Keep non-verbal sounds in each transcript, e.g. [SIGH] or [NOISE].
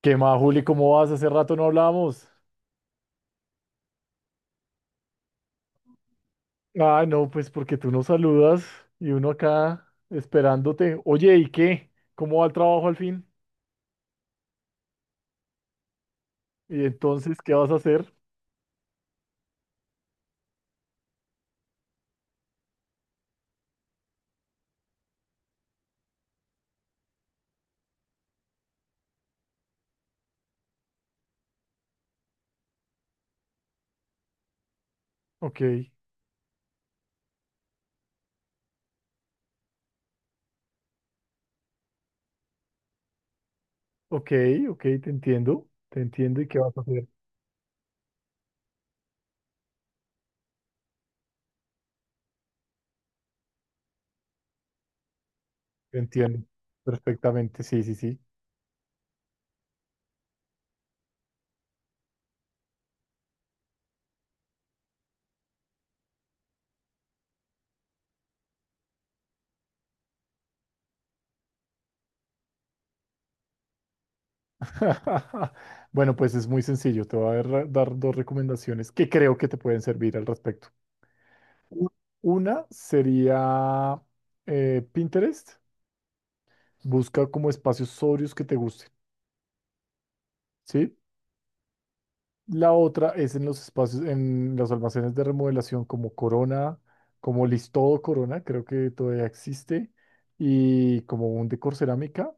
¿Qué más, Juli? ¿Cómo vas? Hace rato no hablamos. Ah, no, pues porque tú nos saludas y uno acá esperándote. Oye, ¿y qué? ¿Cómo va el trabajo al fin? ¿Y entonces qué vas a hacer? Ok, ok, ok, te entiendo, te entiendo. ¿Y qué vas a hacer? Te entiendo perfectamente, sí, sí, sí. [LAUGHS] Bueno, pues es muy sencillo. Te voy a dar dos recomendaciones que creo que te pueden servir al respecto. U- Una sería Pinterest. Busca como espacios sobrios que te gusten, ¿sí? La otra es en los espacios, en los almacenes de remodelación como Corona, como Listodo Corona, creo que todavía existe, y como un Decor Cerámica.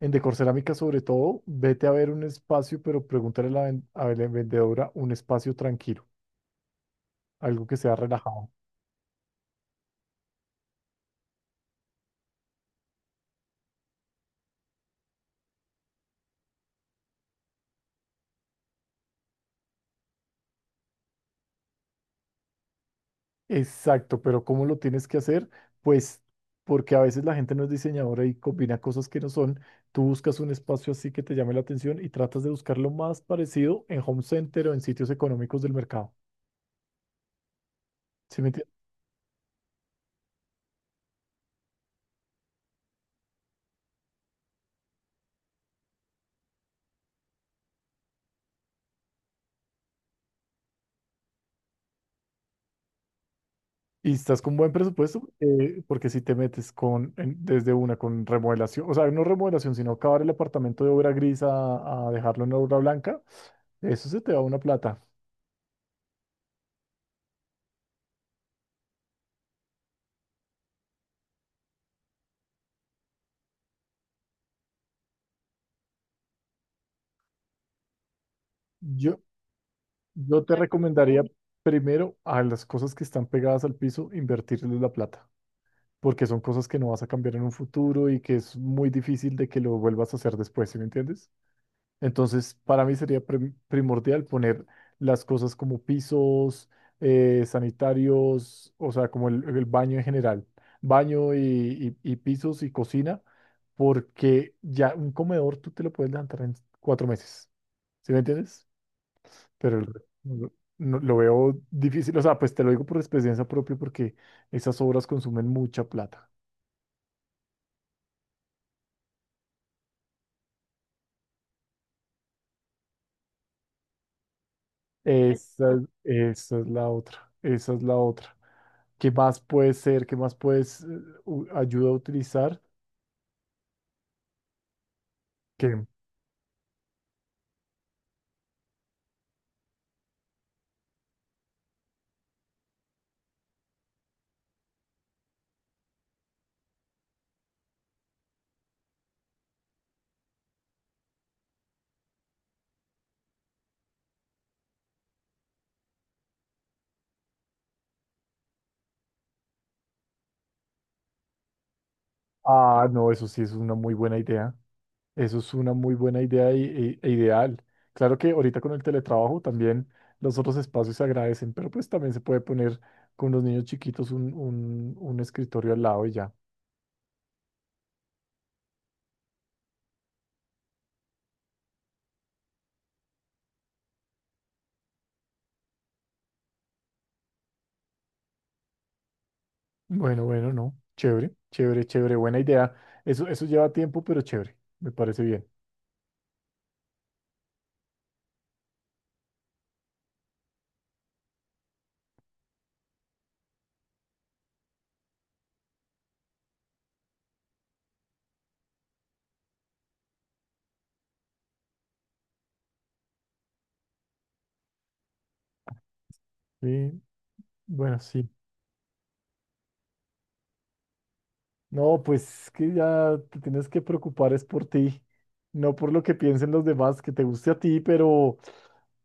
En Decor Cerámica, sobre todo, vete a ver un espacio, pero pregúntale a la, a la vendedora un espacio tranquilo, algo que sea relajado. Exacto, pero ¿cómo lo tienes que hacer? Pues porque a veces la gente no es diseñadora y combina cosas que no son. Tú buscas un espacio así que te llame la atención y tratas de buscar lo más parecido en home center o en sitios económicos del mercado. ¿Sí me entiendes? Y estás con buen presupuesto, porque si te metes con, desde una con remodelación, o sea, no remodelación, sino acabar el apartamento de obra gris a dejarlo en obra blanca, eso se te va una plata. Yo, Yo te Claro. recomendaría primero a las cosas que están pegadas al piso, invertirles la plata, porque son cosas que no vas a cambiar en un futuro y que es muy difícil de que lo vuelvas a hacer después, ¿sí me entiendes? Entonces, para mí sería primordial poner las cosas como pisos, sanitarios, o sea, como el baño en general, baño y pisos y cocina, porque ya un comedor tú te lo puedes levantar en 4 meses, ¿sí me entiendes? Pero el resto lo veo difícil. O sea, pues te lo digo por experiencia propia porque esas obras consumen mucha plata. Esa, es- Esa es la otra, esa es la otra. ¿Qué más puede ser? ¿Qué más puedes ayuda a utilizar? Que, ah, no, eso sí es una muy buena idea. Eso es una muy buena idea e ideal. Claro que ahorita con el teletrabajo también los otros espacios se agradecen, pero pues también se puede poner con los niños chiquitos un escritorio al lado y ya. Bueno, bueno, no. Chévere, chévere, chévere. Buena idea. Eso lleva tiempo, pero chévere. Me parece bien. Sí, bueno, sí. No, pues que ya te tienes que preocupar es por ti, no por lo que piensen los demás, que te guste a ti, pero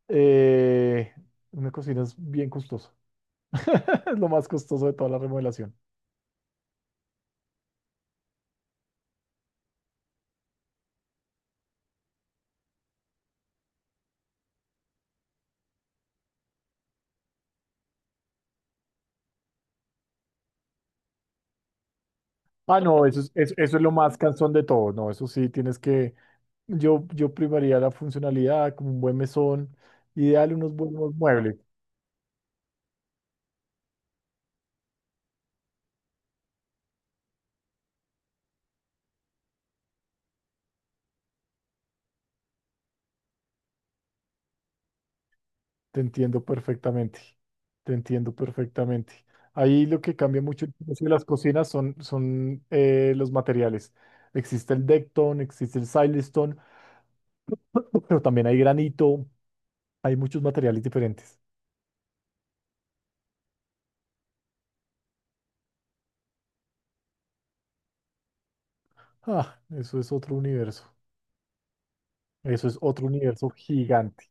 eh, una cocina es bien costosa. [LAUGHS] Es lo más costoso de toda la remodelación. Ah, no, eso es, eso es lo más cansón de todo. No, eso sí, tienes que... Yo primaría la funcionalidad, como un buen mesón, ideal unos buenos muebles. Te entiendo perfectamente, te entiendo perfectamente. Ahí lo que cambia mucho el precio de las cocinas son, son los materiales. Existe el Decton, existe el Silestone, [CLEARS THROAT] pero también hay granito, hay muchos materiales diferentes. Ah, eso es otro universo, eso es otro universo gigante.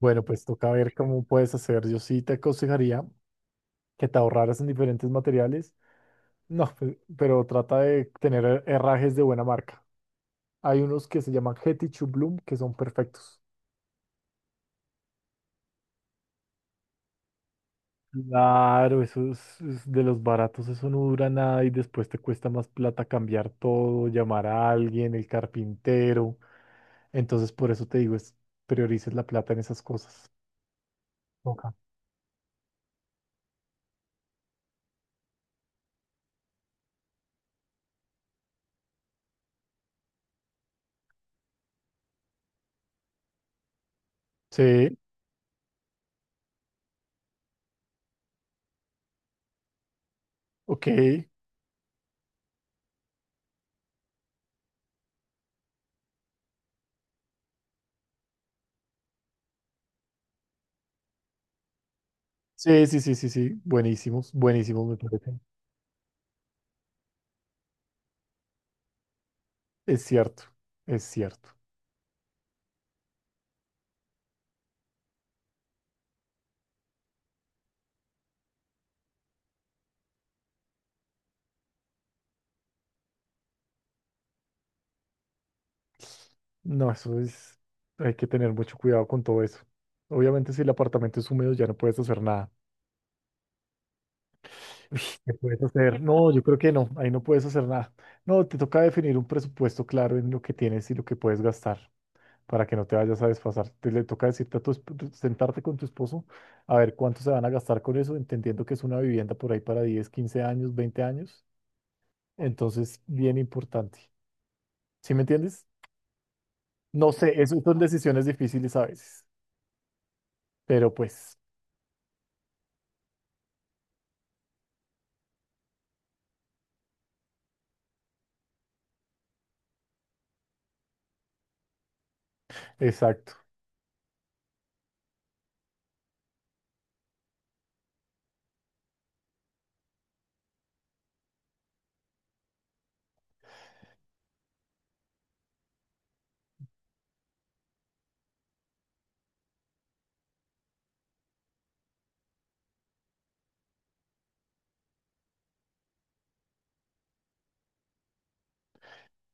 Bueno, pues toca ver cómo puedes hacer. Yo sí te aconsejaría que te ahorraras en diferentes materiales, no, pero trata de tener herrajes de buena marca. Hay unos que se llaman Hettich Bloom que son perfectos. Claro, esos, de los baratos, eso no dura nada y después te cuesta más plata cambiar todo, llamar a alguien, el carpintero. Entonces, por eso te digo, es, priorices la plata en esas cosas. Ok. Sí, ok. Sí, sí, sí, sí, sí. Buenísimos, buenísimos me parecen. Es cierto, es cierto. No, eso es, hay que tener mucho cuidado con todo eso. Obviamente, si el apartamento es húmedo, ya no puedes hacer nada. Uy, ¿qué puedes hacer? No, yo creo que no, ahí no puedes hacer nada. No, te toca definir un presupuesto claro en lo que tienes y lo que puedes gastar para que no te vayas a desfasar. Te le toca decirte a tu, sentarte con tu esposo a ver cuánto se van a gastar con eso, entendiendo que es una vivienda por ahí para 10, 15 años, 20 años. Entonces, bien importante. ¿Sí me entiendes? No sé, eso son decisiones difíciles a veces, pero pues, exacto.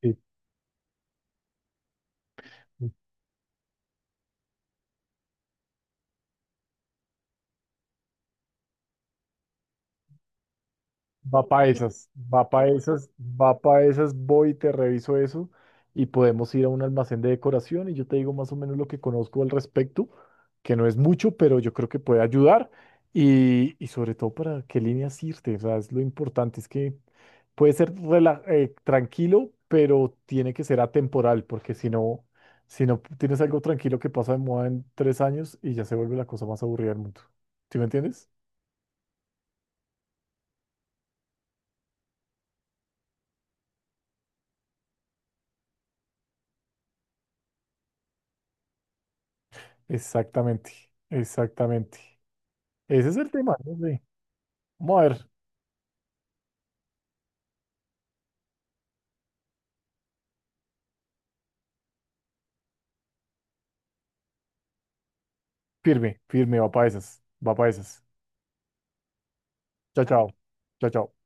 Sí. Va para esas, va para esas, va para esas, voy y te reviso eso y podemos ir a un almacén de decoración y yo te digo más o menos lo que conozco al respecto, que no es mucho, pero yo creo que puede ayudar y sobre todo para qué líneas irte, o sea, es lo importante, es que puede ser tranquilo, pero tiene que ser atemporal, porque si no, si no tienes algo tranquilo que pasa de moda en 3 años y ya se vuelve la cosa más aburrida del mundo. ¿Sí me entiendes? Exactamente, exactamente. Ese es el tema, ¿no? Sí. Vamos a ver. Firme, firme, va para esas. Va para esas. Chao, chao. Chao, chao.